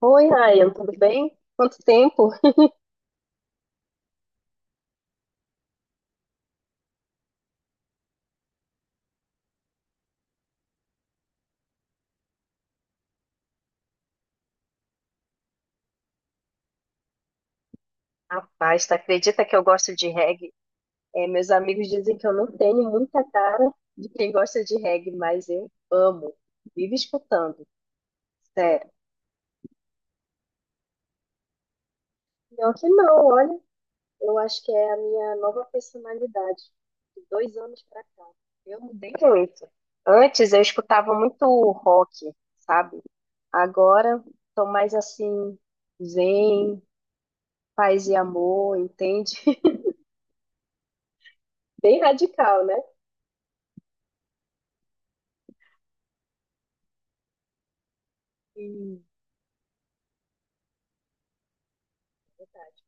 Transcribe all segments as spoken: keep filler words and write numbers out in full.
Oi, Ryan, tudo bem? Quanto tempo? Rapaz, tu acredita que eu gosto de reggae? É, meus amigos dizem que eu não tenho muita cara de quem gosta de reggae, mas eu amo, vivo escutando, sério. Pior que não, olha, eu acho que é a minha nova personalidade, de dois anos pra cá. Eu mudei muito. Antes eu escutava muito rock, sabe? Agora tô mais assim, zen, paz e amor, entende? Bem radical, né? Hum,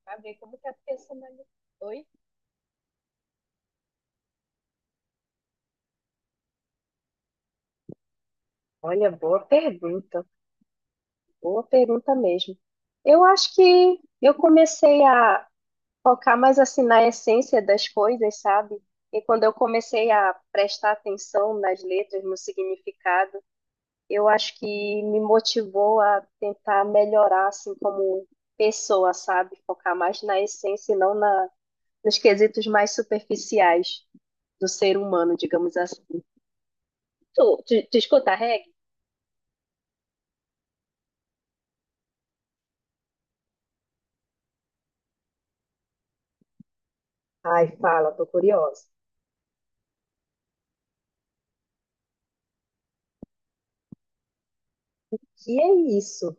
pra ver como que é a personalidade. Oi? Olha, boa pergunta, boa pergunta mesmo. Eu acho que eu comecei a focar mais assim na essência das coisas, sabe? E quando eu comecei a prestar atenção nas letras, no significado, eu acho que me motivou a tentar melhorar assim como pessoa, sabe? Focar mais na essência e não na, nos quesitos mais superficiais do ser humano, digamos assim. Tu, tu, tu escuta reggae? Ai, fala, tô curiosa. Que é isso?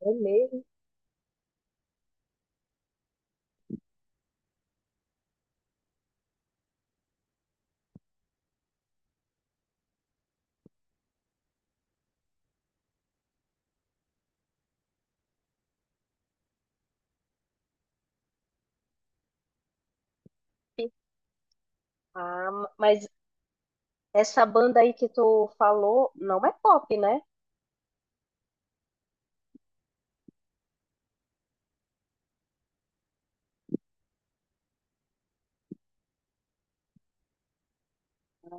É mesmo? Ah, mas essa banda aí que tu falou não é pop, né?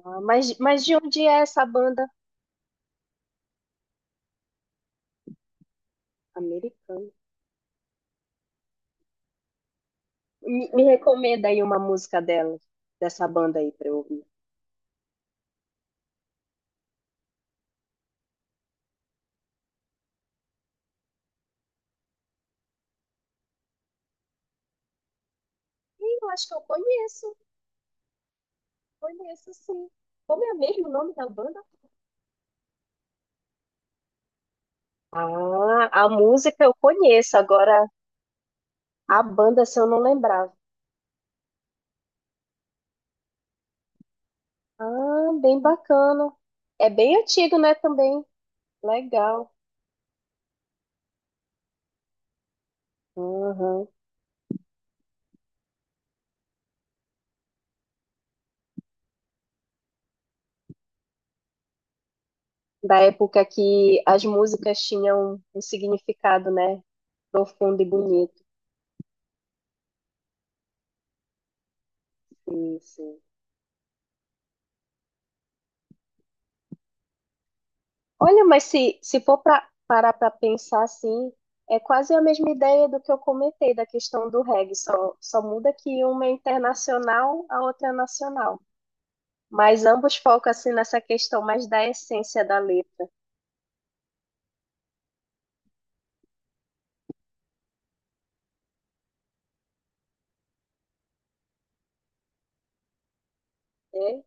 Ah, mas, mas de onde é essa banda? Americana. Me, me recomenda aí uma música dela, dessa banda aí pra eu ouvir. Ih, eu acho que eu conheço, conheço sim. Como é mesmo o nome da banda? Ah, a música eu conheço, agora a banda se eu não lembrava. Ah, bem bacana. É bem antigo, né, também. Legal. Uhum. Da época que as músicas tinham um significado, né? Profundo e bonito. Sim, sim. Olha, mas se, se for pra parar para pensar assim, é quase a mesma ideia do que eu comentei da questão do reggae, só, só muda que uma é internacional, a outra é nacional. Mas ambos focam assim nessa questão mais da essência da letra, né?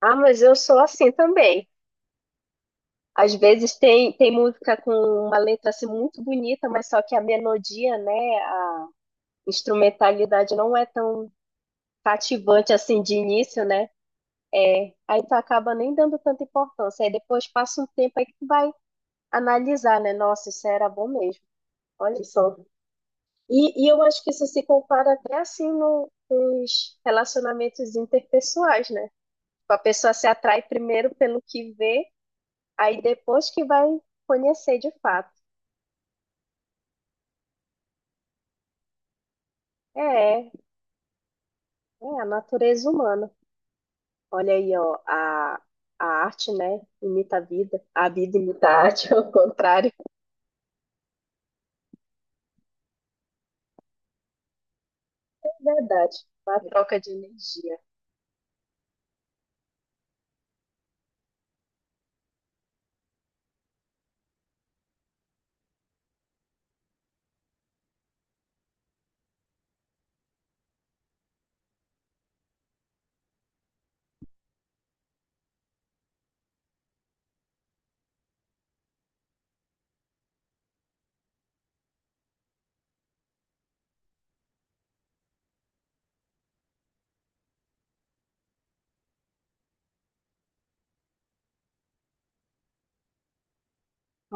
Ah, mas eu sou assim também. Às vezes tem, tem música com uma letra assim muito bonita, mas só que a melodia, né, a instrumentalidade não é tão cativante assim de início, né? É, aí tu acaba nem dando tanta importância. Aí depois passa um tempo aí que tu vai analisar, né? Nossa, isso era bom mesmo. Olha só. E, e eu acho que isso se compara até assim no- nos relacionamentos interpessoais, né? Tipo, a pessoa se atrai primeiro pelo que vê, aí depois que vai conhecer de fato. É, é a natureza humana. Olha aí, ó, a, a arte, né, imita a vida, a vida imita a arte, ao contrário. É verdade, uma troca de energia.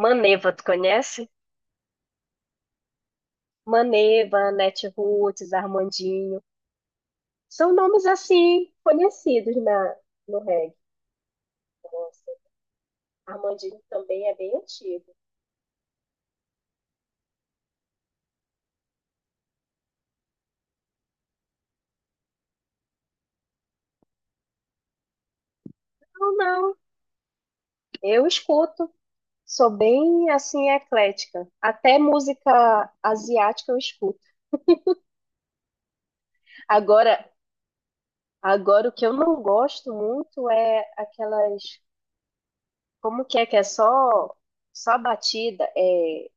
Maneva, tu conhece? Maneva, Netroots, Armandinho, são nomes assim conhecidos na, no reggae. Nossa, Armandinho também é bem antigo. Não, não, eu escuto. Sou bem assim eclética. Até música asiática eu escuto. Agora, Agora, o que eu não gosto muito é aquelas. Como que é que é só, só a batida? É,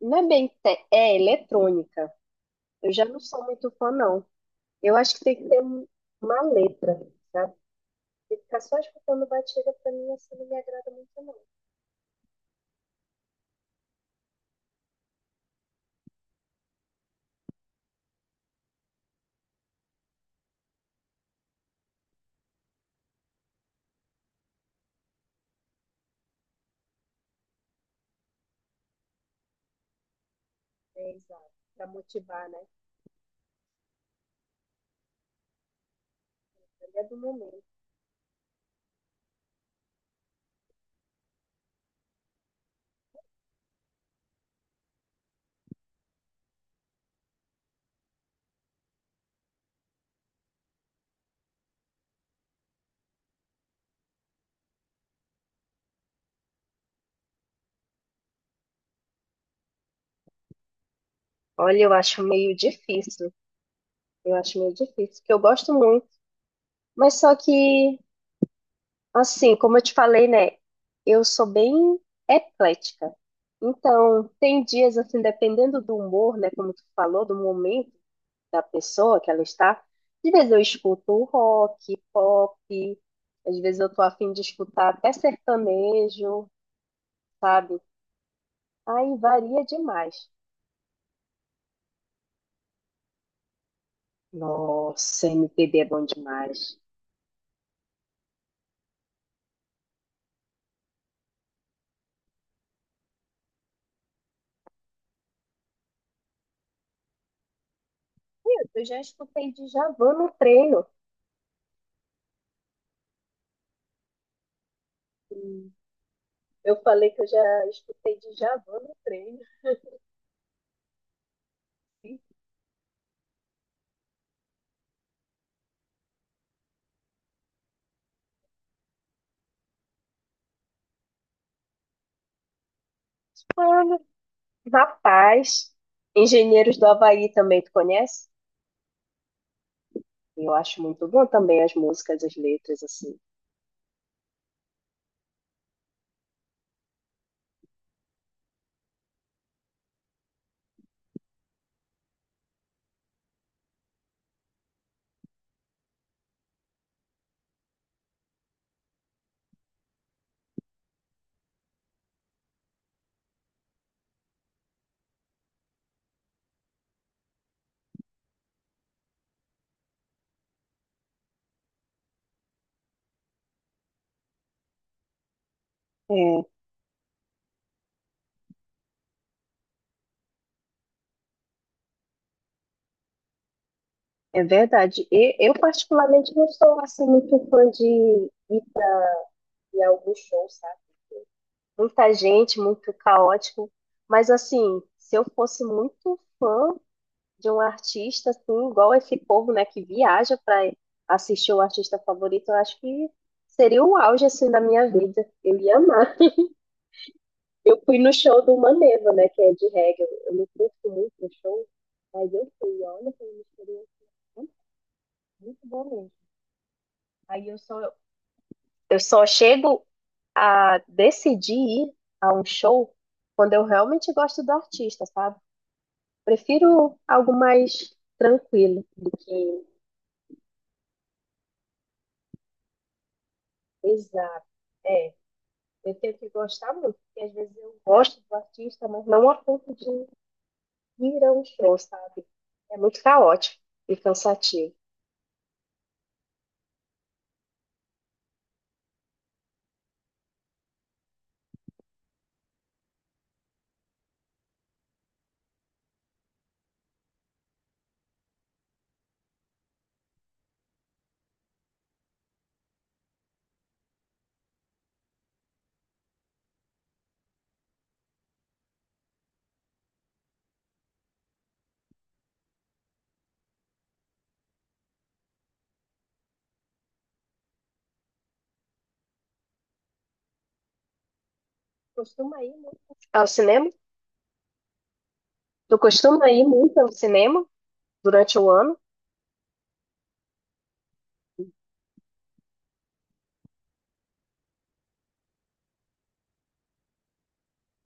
não é bem. Te- É eletrônica. Eu já não sou muito fã, não. Eu acho que tem que ter um- uma letra, sabe? E ficar só escutando batida, pra mim, assim, não me agrada muito, não. É, exato. Pra motivar, né? Ele é do momento. Olha, eu acho meio difícil. Eu acho meio difícil, porque eu gosto muito. Mas só que, assim, como eu te falei, né? Eu sou bem eclética. Então, tem dias, assim, dependendo do humor, né? Como tu falou, do momento da pessoa que ela está. Às vezes eu escuto rock, pop. Às vezes eu tô a fim de escutar até sertanejo, sabe? Aí varia demais. Nossa, M P B é bom demais. Meu, eu já escutei Djavan no treino. Eu falei que eu já escutei Djavan no treino. Ah, rapaz, Engenheiros do Havaí também tu conhece? Eu acho muito bom também as músicas, as letras, assim. É, é verdade. E eu particularmente não sou assim muito fã de ir em alguns shows, sabe? Muita gente, muito caótico. Mas assim, se eu fosse muito fã de um artista, assim, igual esse povo, né, que viaja para assistir o artista favorito, eu acho que seria o auge assim da minha vida. Eu ia amar. Eu fui no show do Maneva, né? Que é de reggae. Eu, eu não curto muito no show, mas eu fui. Olha, foi uma experiência muito, muito boa mesmo. Aí eu só, eu só chego a decidir ir a um show quando eu realmente gosto do artista, sabe? Prefiro algo mais tranquilo do que exato. É, eu tenho que gostar muito, porque às vezes eu gosto do artista, mas não a ponto de ir a um show, sabe? É muito caótico e cansativo. Costuma ir muito ao cinema? Tu costuma ir muito ao cinema durante o ano?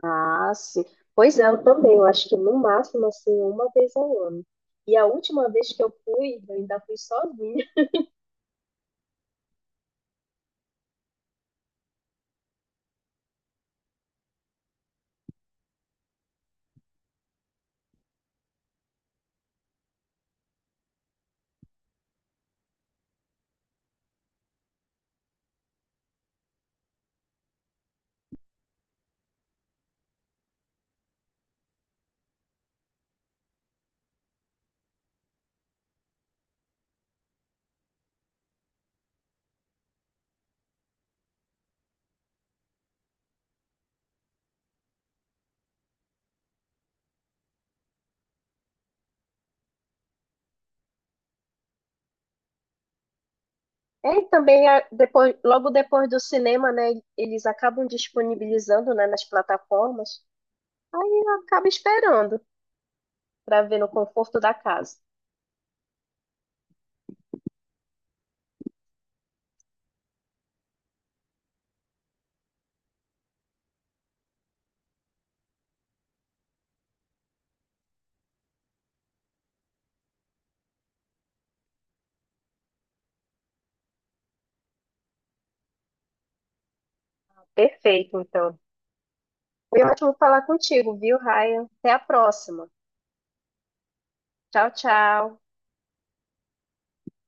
Ah, sim. Pois é, eu também. Eu acho que no máximo, assim, uma vez ao ano. E a última vez que eu fui, eu ainda fui sozinha. É, e também, a- depois, logo depois do cinema, né, eles acabam disponibilizando, né, nas plataformas. Aí eu acabo esperando para ver no conforto da casa. Perfeito, então. Foi ótimo falar contigo, viu, Ryan? Até a próxima. Tchau, tchau.